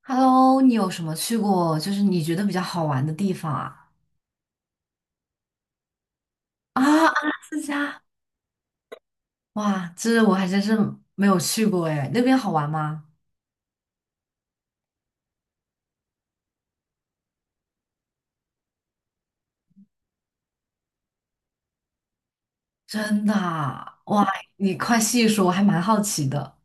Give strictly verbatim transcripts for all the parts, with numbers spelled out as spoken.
Hello，你有什么去过，就是你觉得比较好玩的地方啊？啊，阿拉斯加，哇，这我还真是没有去过哎，那边好玩吗？真的啊哇，你快细说，我还蛮好奇的。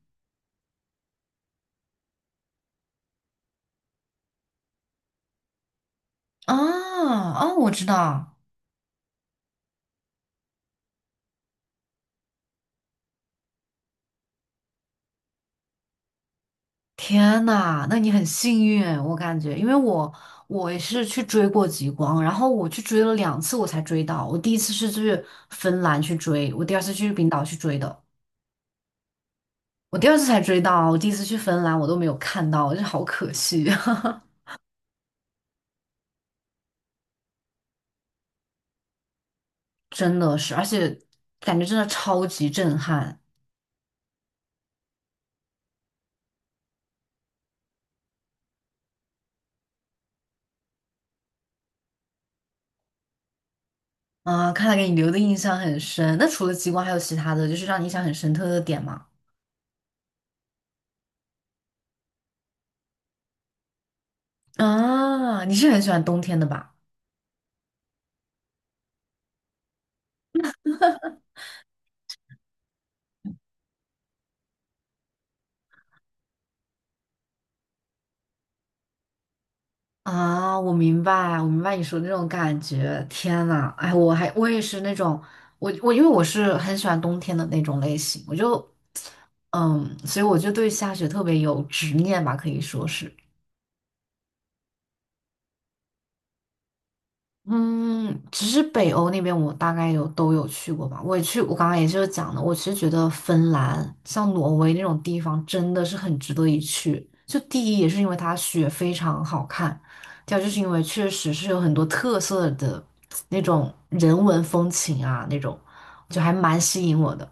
啊啊，我知道，天呐，那你很幸运，我感觉，因为我我也是去追过极光，然后我去追了两次，我才追到。我第一次是去芬兰去追，我第二次去冰岛去追的。我第二次才追到，我第一次去芬兰我都没有看到，就是好可惜，真的是，而且感觉真的超级震撼啊！看来给你留的印象很深。那除了极光，还有其他的就是让你印象很深刻的点吗？啊，你是很喜欢冬天的吧？啊，我明白，我明白你说的那种感觉。天呐，哎，我还我也是那种，我我因为我是很喜欢冬天的那种类型，我就嗯，所以我就对下雪特别有执念吧，可以说是。嗯，其实北欧那边我大概有都有去过吧。我也去，我刚刚也就是讲的，我其实觉得芬兰像挪威那种地方真的是很值得一去。就第一也是因为它雪非常好看，第二就是因为确实是有很多特色的那种人文风情啊，那种就还蛮吸引我的。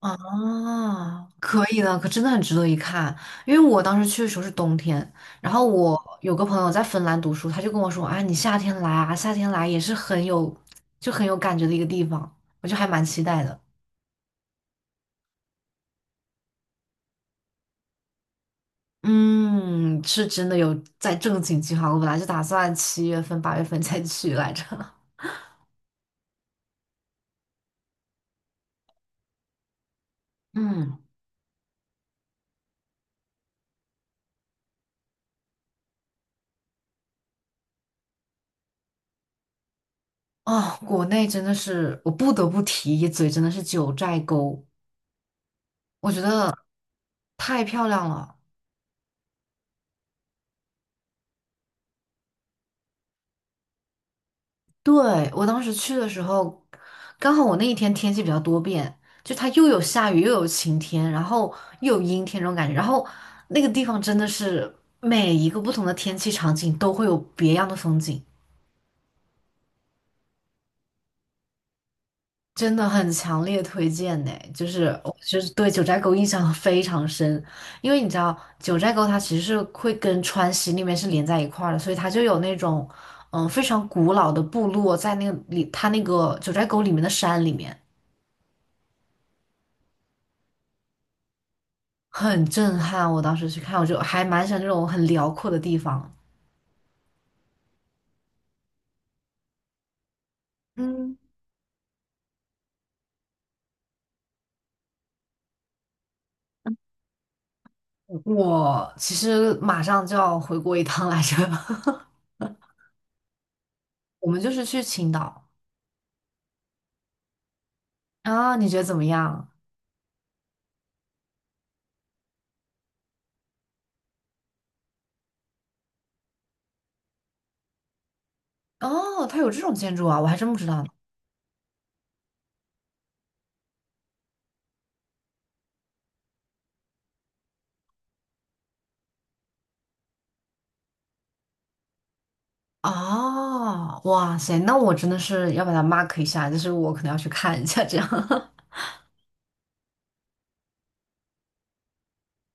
啊，可以的，可真的很值得一看。因为我当时去的时候是冬天，然后我有个朋友在芬兰读书，他就跟我说啊，你夏天来啊，夏天来也是很有，就很有感觉的一个地方，我就还蛮期待的。嗯，是真的有在正经计划，我本来就打算七月份、八月份再去来着。嗯，啊，国内真的是我不得不提一嘴，真的是九寨沟，我觉得太漂亮了。对，我当时去的时候，刚好我那一天天气比较多变，就它又有下雨，又有晴天，然后又有阴天这种感觉。然后那个地方真的是每一个不同的天气场景都会有别样的风景，真的很强烈推荐呢。就是我就是对九寨沟印象非常深，因为你知道九寨沟它其实是会跟川西那边是连在一块儿的，所以它就有那种嗯非常古老的部落在那个里，它那个九寨沟里面的山里面。很震撼。我当时去看，我就还蛮喜欢这种很辽阔的地方。嗯，我其实马上就要回国一趟来着，我们就是去青岛啊，你觉得怎么样？哦，它有这种建筑啊，我还真不知道呢。哦，哇塞，那我真的是要把它 mark 一下，就是我可能要去看一下这样。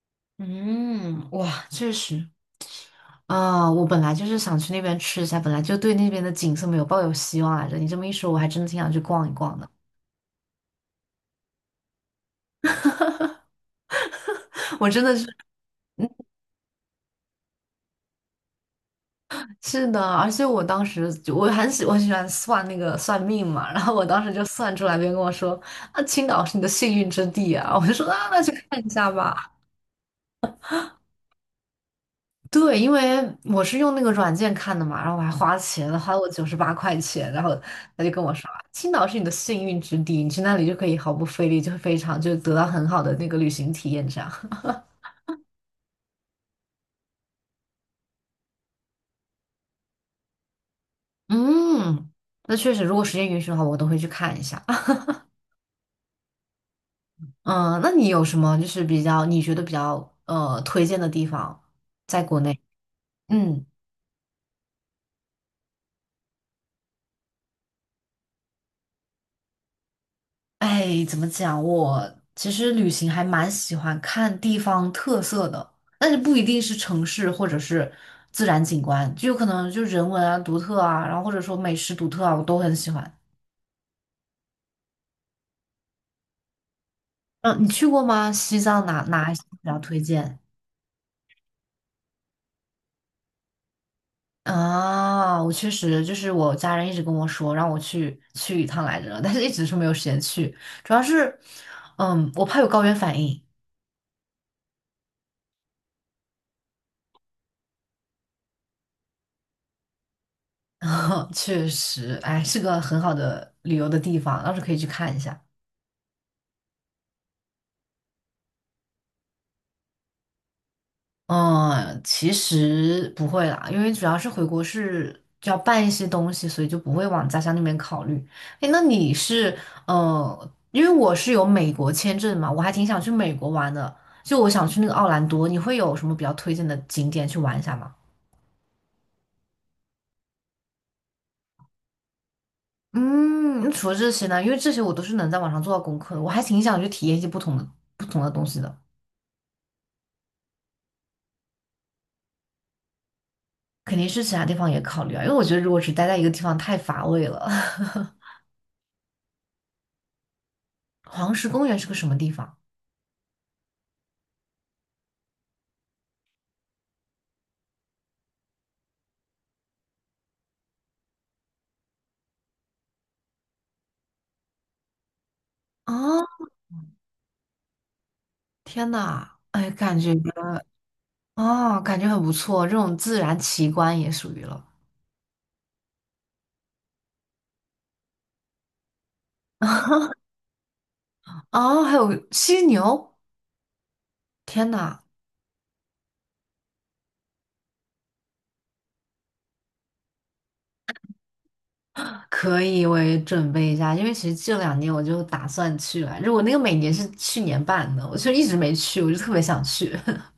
嗯，哇，确实啊，我本来就是想去那边吃一下，本来就对那边的景色没有抱有希望来着。你这么一说，我还真的挺想去逛一逛的。我真的是是的，而且我当时就我很喜我喜欢算那个算命嘛，然后我当时就算出来，别人跟我说啊，青岛是你的幸运之地啊，我就说啊，那去看一下吧。对，因为我是用那个软件看的嘛，然后我还花钱了，花了我九十八块钱，然后他就跟我说，啊青岛是你的幸运之地，你去那里就可以毫不费力，就非常就得到很好的那个旅行体验这样。嗯，那确实，如果时间允许的话，我都会去看一下。嗯，那你有什么就是比较你觉得比较呃推荐的地方，在国内？嗯，哎，怎么讲？我其实旅行还蛮喜欢看地方特色的，但是不一定是城市或者是自然景观，就有可能就人文啊、独特啊，然后或者说美食独特啊，我都很喜欢。嗯，你去过吗？西藏哪哪一些比较推荐？啊，我确实就是我家人一直跟我说让我去去一趟来着，但是一直是没有时间去，主要是，嗯，我怕有高原反应。确实，哎，是个很好的旅游的地方，到时候可以去看一下。嗯，其实不会啦，因为主要是回国是就要办一些东西，所以就不会往家乡那边考虑。哎，那你是呃，因为我是有美国签证嘛，我还挺想去美国玩的，就我想去那个奥兰多，你会有什么比较推荐的景点去玩一下吗？嗯，那除了这些呢，因为这些我都是能在网上做到功课的，我还挺想去体验一些不同的不同的东西的。肯定是其他地方也考虑啊，因为我觉得如果只待在一个地方太乏味了。黄石公园是个什么地方？哦，天呐，哎，感觉哦，感觉很不错，这种自然奇观也属于了。啊。还有犀牛，天呐，可以，我也准备一下，因为其实这两年我就打算去来着，我那个每年是去年办的，我就一直没去，我就特别想去。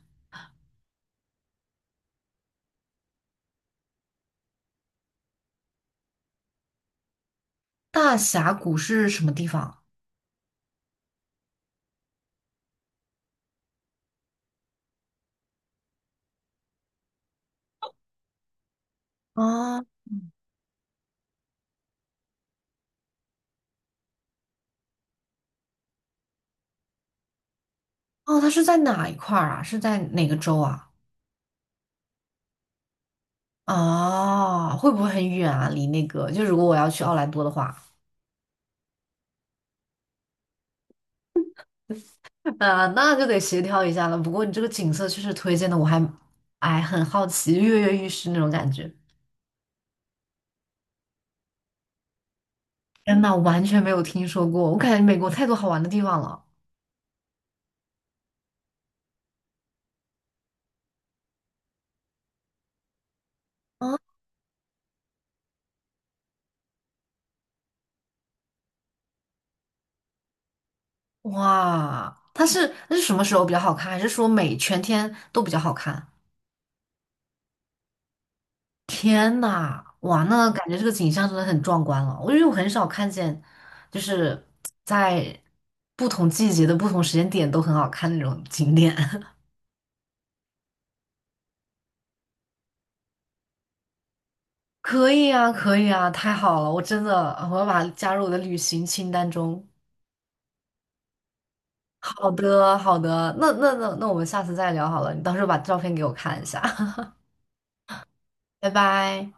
大峡谷是什么地方？啊？哦，它是在哪一块儿啊？是在哪个州啊？啊，会不会很远啊？离那个，就如果我要去奥兰多的话。啊，那就得协调一下了。不过你这个景色确实推荐的，我还哎很好奇，跃跃欲试那种感觉。天呐，我完全没有听说过，我感觉美国太多好玩的地方了。啊，哇，它是那是什么时候比较好看？还是说每全天都比较好看？天呐，哇，那感觉这个景象真的很壮观了。我因为我很少看见，就是在不同季节的不同时间点都很好看那种景点。可以啊，可以啊，太好了！我真的，呃我要把它加入我的旅行清单中。好的，好的，那那那那我们下次再聊好了，你到时候把照片给我看一下，拜拜。